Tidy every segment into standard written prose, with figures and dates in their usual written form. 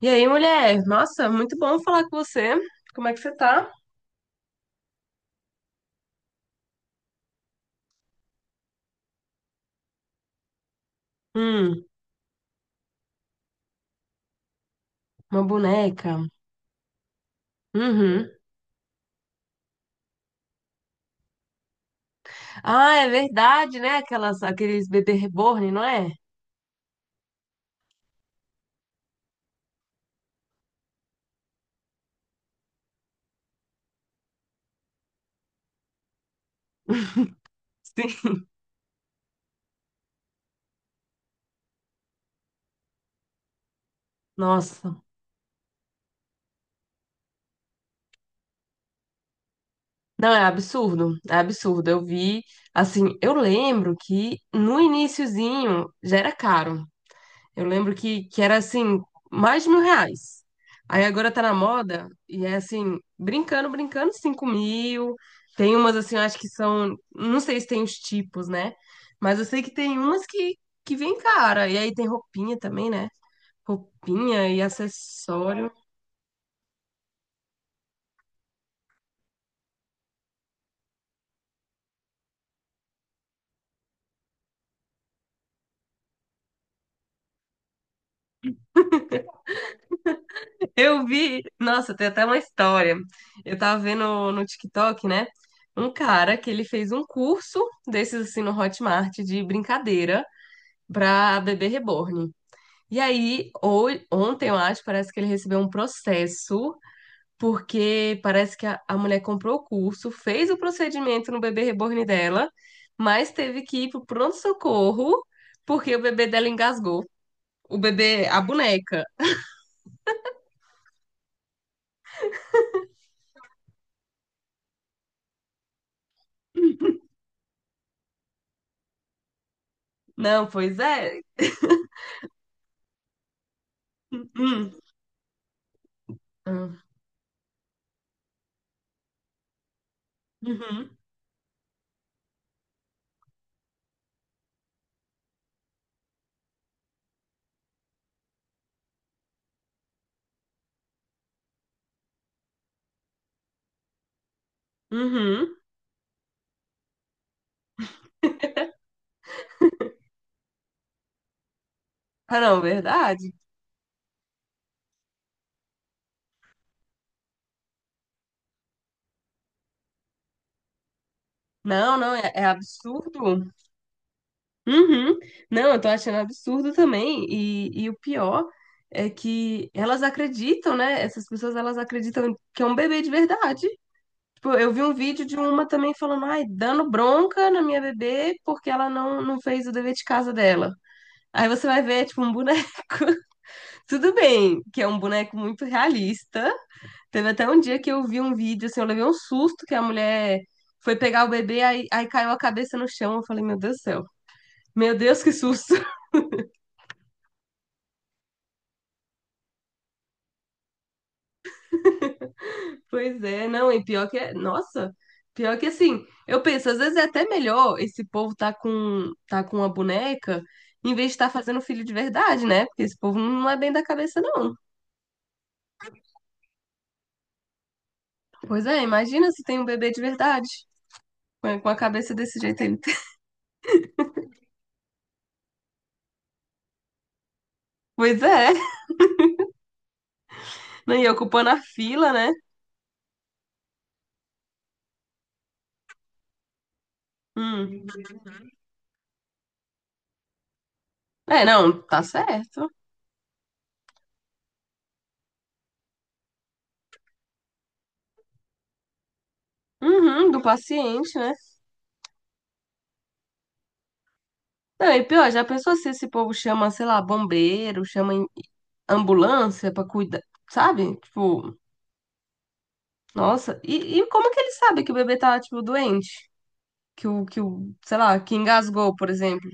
E aí, mulher? Nossa, muito bom falar com você. Como é que você tá? Hum, uma boneca. Uhum. Ah, é verdade, né? Aqueles bebê reborn, não é? Sim. Nossa. Não, é absurdo. É absurdo. Eu vi, assim, eu lembro que no iniciozinho já era caro. Eu lembro que era assim, mais de 1.000 reais. Aí agora tá na moda e é assim, brincando, brincando, 5.000. Tem umas assim, eu acho que são. Não sei se tem os tipos, né? Mas eu sei que tem umas que vem cara. E aí tem roupinha também, né? Roupinha e acessório. Eu vi. Nossa, tem até uma história. Eu tava vendo no TikTok, né? Um cara que ele fez um curso desses assim no Hotmart de brincadeira pra bebê reborn. E aí, ontem, eu acho, parece que ele recebeu um processo, porque parece que a mulher comprou o curso, fez o procedimento no bebê reborn dela, mas teve que ir pro pronto-socorro, porque o bebê dela engasgou. O bebê, a boneca. Não, pois é. Hum, hum. Uhum, uhum. Ah, não, verdade? Não, não, é absurdo. Uhum. Não, eu tô achando absurdo também. E o pior é que elas acreditam, né? Essas pessoas, elas acreditam que é um bebê de verdade. Tipo, eu vi um vídeo de uma também falando, ai, dando bronca na minha bebê porque ela não fez o dever de casa dela. Aí você vai ver, é tipo, um boneco. Tudo bem, que é um boneco muito realista. Teve até um dia que eu vi um vídeo, assim, eu levei um susto que a mulher foi pegar o bebê, aí caiu a cabeça no chão. Eu falei, meu Deus do céu. Meu Deus, que susto. Pois é, não, e pior que é, nossa, pior que assim, eu penso, às vezes é até melhor esse povo tá com uma boneca em vez de estar fazendo filho de verdade, né? Porque esse povo não é bem da cabeça, não. Pois é, imagina se tem um bebê de verdade, com a cabeça desse jeito aí. Pois é, né? E ocupando a fila, né? Hum. É, não, tá certo. Uhum, do paciente, né? Não, e pior, já pensou se esse povo chama, sei lá, bombeiro, ambulância pra cuidar, sabe? Tipo, nossa, como que ele sabe que o bebê tá, tipo, doente? Que o, sei lá, que engasgou, por exemplo.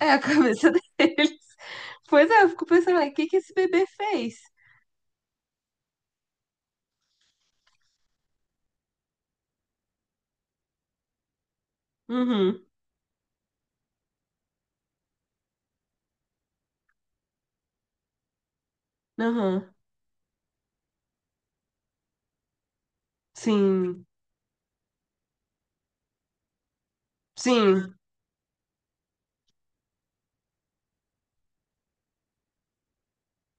É a cabeça deles. Pois é, eu fico pensando, o que que esse bebê fez? Uhum, uhum. Sim, sim.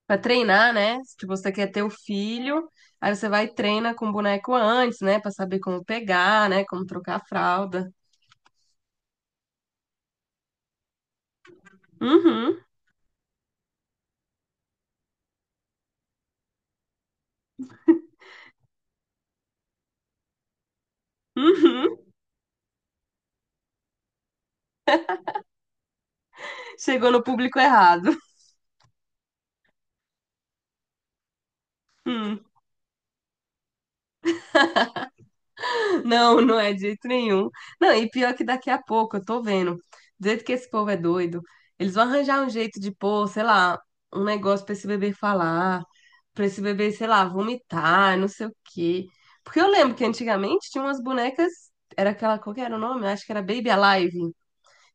Pra treinar, né? Tipo, você quer ter o filho, aí você vai e treina com o boneco antes, né? Pra saber como pegar, né? Como trocar a fralda. Uhum, uhum. Chegou no público errado. Hum. Não, não é de jeito nenhum. Não, e pior que daqui a pouco, eu tô vendo, do jeito que esse povo é doido, eles vão arranjar um jeito de pôr, sei lá, um negócio pra esse bebê falar, pra esse bebê, sei lá, vomitar, não sei o quê. Porque eu lembro que antigamente tinha umas bonecas, era aquela, qual que era o nome? Acho que era Baby Alive,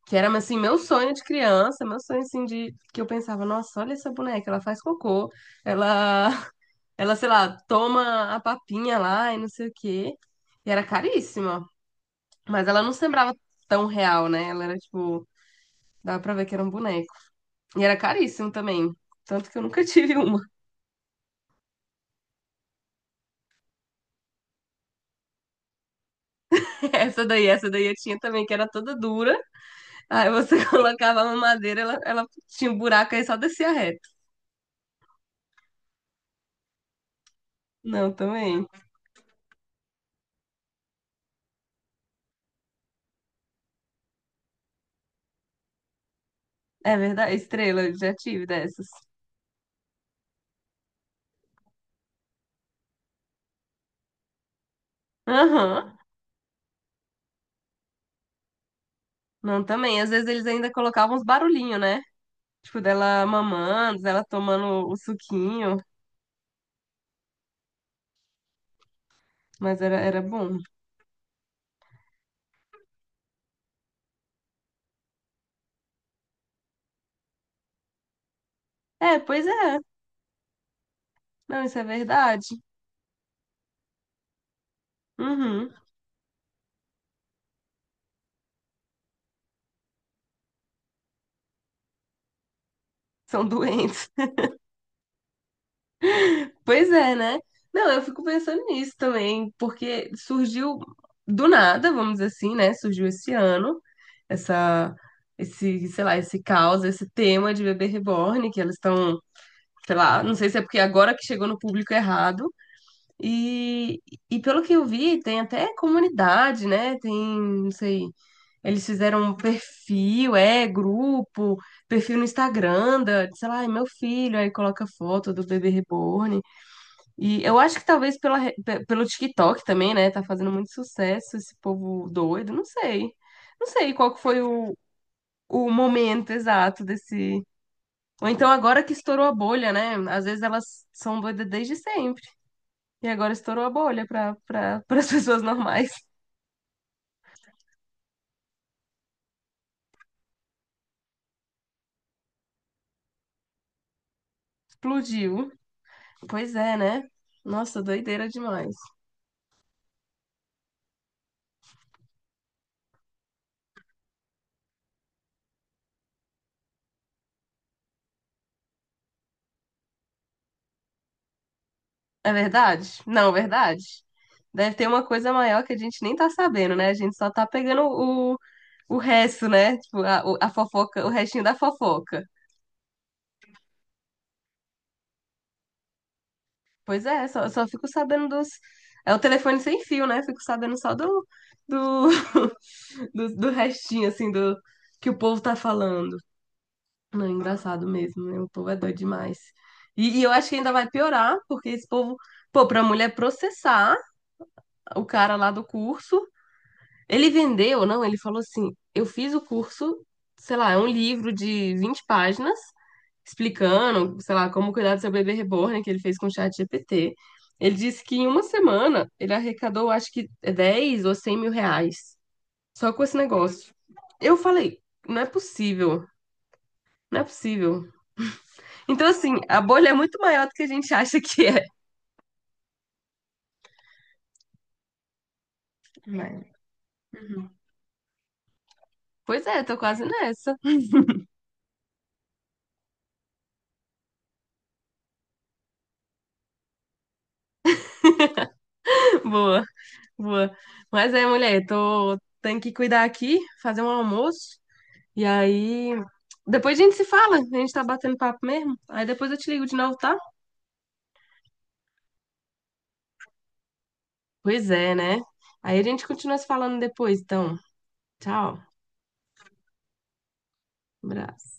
que era, assim, meu sonho de criança, meu sonho, assim, de... que eu pensava, nossa, olha essa boneca, ela faz cocô, ela, ela, sei lá, toma a papinha lá e não sei o quê. E era caríssima. Mas ela não sembrava tão real, né? Ela era tipo, dava pra ver que era um boneco. E era caríssimo também. Tanto que eu nunca tive uma. Essa daí eu tinha também, que era toda dura. Aí você colocava uma madeira, ela tinha um buraco aí só descia reto. Não, também. É verdade, estrela, eu já tive dessas. Aham. Não, também. Às vezes eles ainda colocavam uns barulhinhos, né? Tipo, dela mamando, dela tomando o suquinho. Mas era, era bom. É, pois é. Não, isso é verdade. Uhum. São doentes. Pois é, né? Não, eu fico pensando nisso também, porque surgiu do nada, vamos dizer assim, né? Surgiu esse ano, essa, esse, sei lá, esse caos, esse tema de bebê reborn, que elas estão, sei lá, não sei se é porque agora que chegou no público errado. E, pelo que eu vi, tem até comunidade, né? Tem, não sei, eles fizeram um perfil, é, grupo, perfil no Instagram, da, sei lá, é meu filho, aí coloca foto do bebê reborn. E eu acho que talvez pela, pelo TikTok também, né? Tá fazendo muito sucesso esse povo doido, não sei. Não sei qual que foi o momento exato desse. Ou então agora que estourou a bolha, né? Às vezes elas são doidas desde sempre. E agora estourou a bolha para para as pessoas normais. Explodiu. Pois é, né? Nossa, doideira demais. É verdade? Não, verdade. Deve ter uma coisa maior que a gente nem tá sabendo, né? A gente só tá pegando o resto, né? Tipo, a, o- a fofoca, o restinho da fofoca. Pois é, só fico sabendo dos. É o telefone sem fio, né? Fico sabendo só do, do restinho, assim, do que o povo tá falando. Não, é engraçado mesmo, né? O povo é doido demais. E eu acho que ainda vai piorar, porque esse povo, pô, pra mulher processar o cara lá do curso. Ele vendeu, não, ele falou assim: eu fiz o curso, sei lá, é um livro de 20 páginas, explicando, sei lá, como cuidar do seu bebê reborn, que ele fez com o ChatGPT. Ele disse que em uma semana ele arrecadou, acho que é 10 mil ou 100 mil reais, só com esse negócio. Eu falei: não é possível, não é possível. Então, assim, a bolha é muito maior do que a gente acha que é. Mas- pois é, tô quase nessa. Boa, boa. Mas é, mulher, tô. Tenho que cuidar aqui, fazer um almoço. E aí, depois a gente se fala, a gente tá batendo papo mesmo. Aí depois eu te ligo de novo, tá? Pois é, né? Aí a gente continua se falando depois, então. Tchau. Abraço.